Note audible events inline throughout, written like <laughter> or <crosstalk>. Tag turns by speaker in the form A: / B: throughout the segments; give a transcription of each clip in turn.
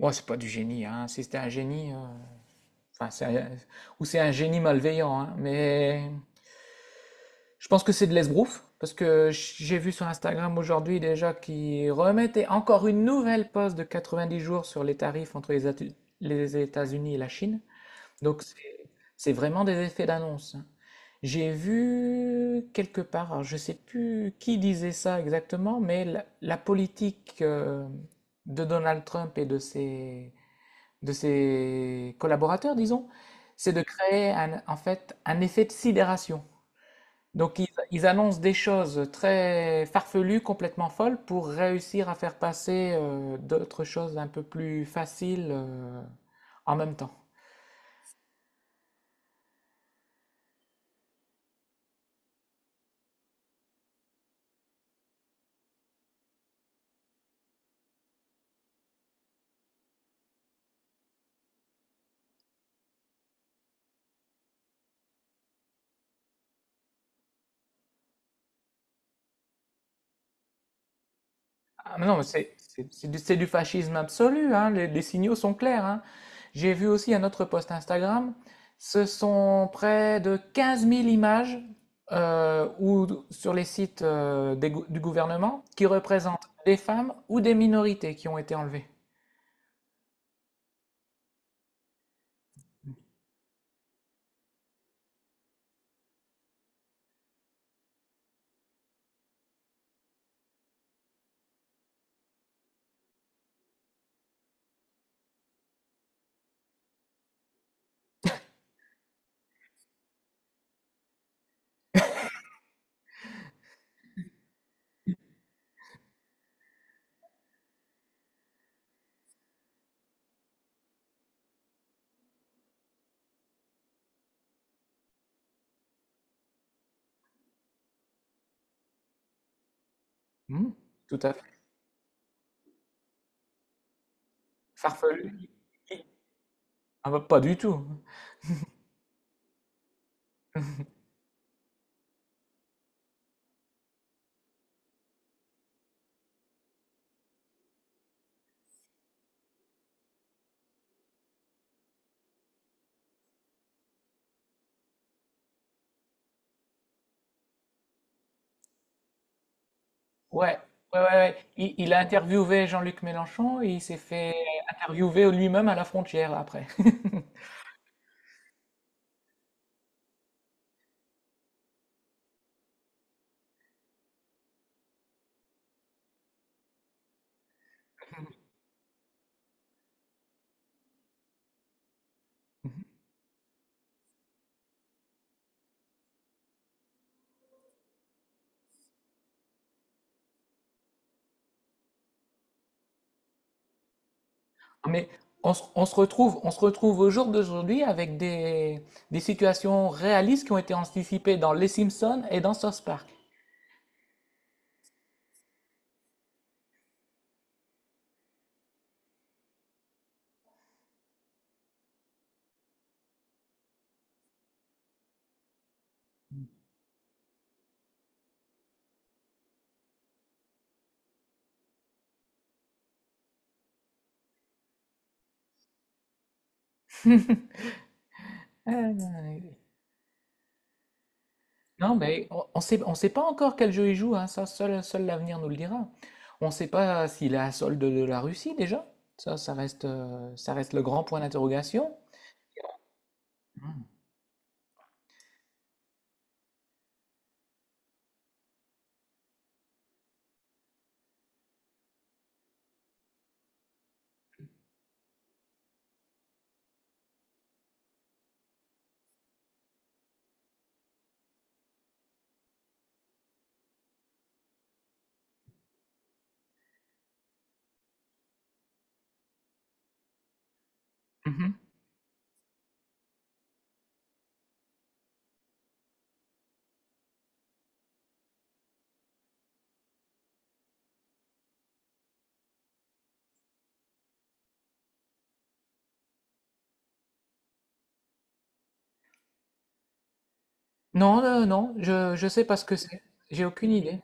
A: Ouais, c'est pas du génie, hein. Si c'était un génie, enfin, ou c'est un génie malveillant, hein. Mais je pense que c'est de l'esbrouf, parce que j'ai vu sur Instagram aujourd'hui déjà qu'ils remettaient encore une nouvelle pause de 90 jours sur les tarifs entre les États-Unis et la Chine. Donc c'est vraiment des effets d'annonce, hein. J'ai vu quelque part, alors je sais plus qui disait ça exactement, mais la politique de Donald Trump et de ses collaborateurs, disons, c'est de créer un, en fait un effet de sidération. Donc ils annoncent des choses très farfelues, complètement folles, pour réussir à faire passer d'autres choses un peu plus faciles en même temps. Ah, mais non, mais c'est du fascisme absolu, hein. Les signaux sont clairs, hein. J'ai vu aussi un autre post Instagram, ce sont près de 15 000 images ou, sur les sites du gouvernement qui représentent des femmes ou des minorités qui ont été enlevées. Hmm, tout à fait. Farfelu. Ah, bah, pas du tout. Ouais, ouais, ouais, ouais. Il a interviewé Jean-Luc Mélenchon et il s'est fait interviewer lui-même à la frontière après. <laughs> Mais on se retrouve, on se retrouve au jour d'aujourd'hui avec des situations réalistes qui ont été anticipées dans Les Simpsons et dans South Park. Euh, non, mais on sait pas encore quel jeu il joue, hein. Seul l'avenir nous le dira. On ne sait pas s'il est à solde de la Russie déjà. Ça reste, ça reste le grand point d'interrogation. Mhm. Mhm. Non, non, je ne sais pas ce que c'est. J'ai aucune idée.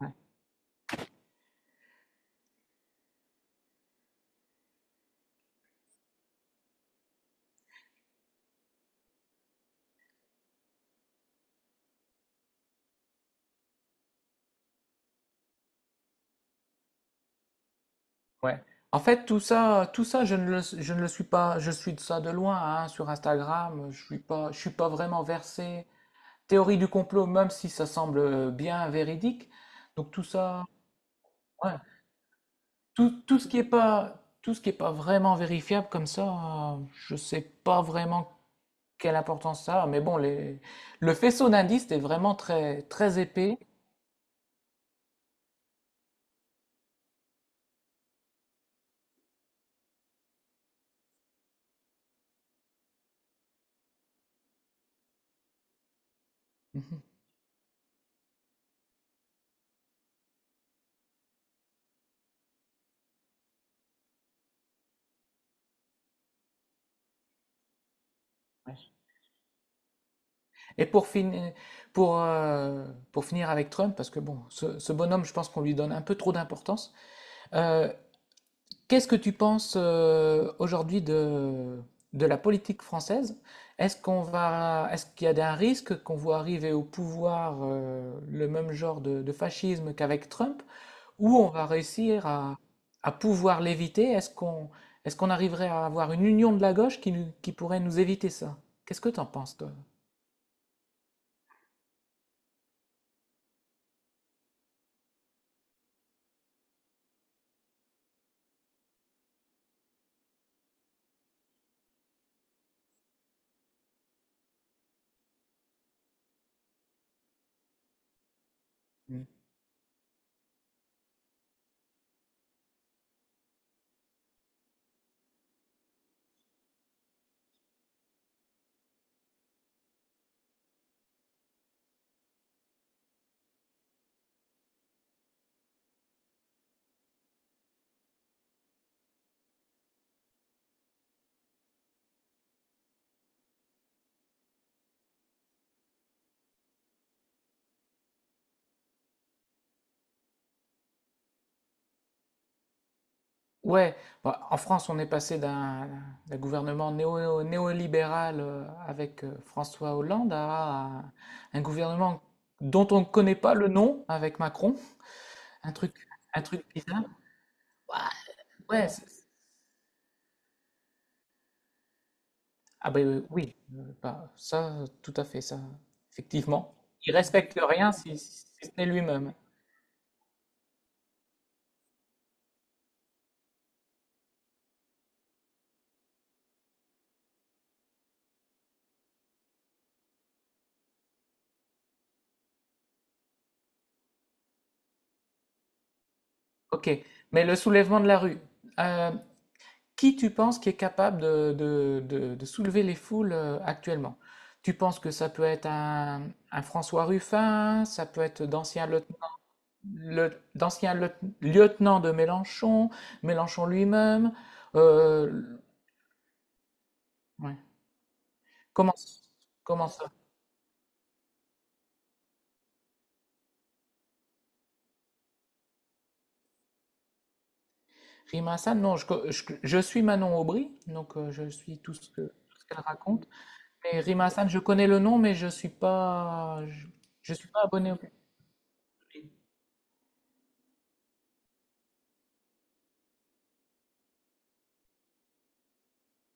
A: Mhm. Ouais. En fait, tout ça, je ne le suis pas. Je suis de ça de loin, hein, sur Instagram. Je suis pas vraiment versé théorie du complot, même si ça semble bien véridique. Donc tout ça, ouais. Tout ce qui est pas, tout ce qui est pas vraiment vérifiable comme ça, je sais pas vraiment quelle importance ça a. Mais bon, les, le faisceau d'indices est vraiment très, très épais. <laughs> Mhm. Et pour, fin- pour, euh, pour finir avec Trump, parce que bon, ce bonhomme, je pense qu'on lui donne un peu trop d'importance, euh, qu'est-ce que tu penses aujourd'hui de la politique française? Est-ce qu'il y a un risque qu'on voit arriver au pouvoir le même genre de fascisme qu'avec Trump, ou on va réussir à pouvoir l'éviter? Est-ce qu'on arriverait à avoir une union de la gauche qui pourrait nous éviter ça? Qu'est-ce que tu en penses, toi? Mm. Ouais, bah, en France, on est passé d'un gouvernement néolibéral avec François Hollande à un gouvernement dont on ne connaît pas le nom avec Macron. Un truc, un truc bizarre. Ouais, c'est- ah ben oui, bah, tout à fait, ça, effectivement. Il respecte rien si, si ce n'est lui-même. Ok, mais le soulèvement de la rue. euh, Qui tu penses qui est capable de, de soulever les foules actuellement? Tu penses que ça peut être un François Ruffin, ça peut être d'anciens lieutenants le- d'anciens lieu- lieutenants de Mélenchon, Mélenchon lui-même. euh, ouais. Comment, comment ça? Rima Hassan? Non, je suis Manon Aubry, donc je suis tout ce qu'elle raconte. Mais Rima Hassan, je connais le nom, je suis pas abonné au-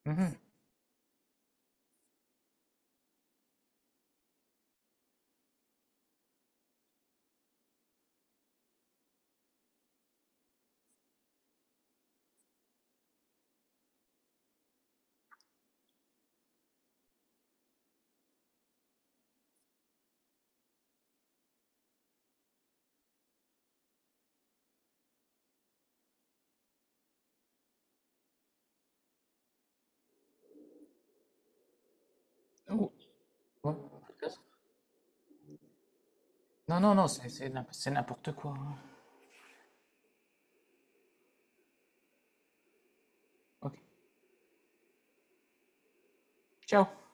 A: Mhm. Ou- ouais. Non, non, non, c'est n'importe quoi, hein. Ok. Ciao.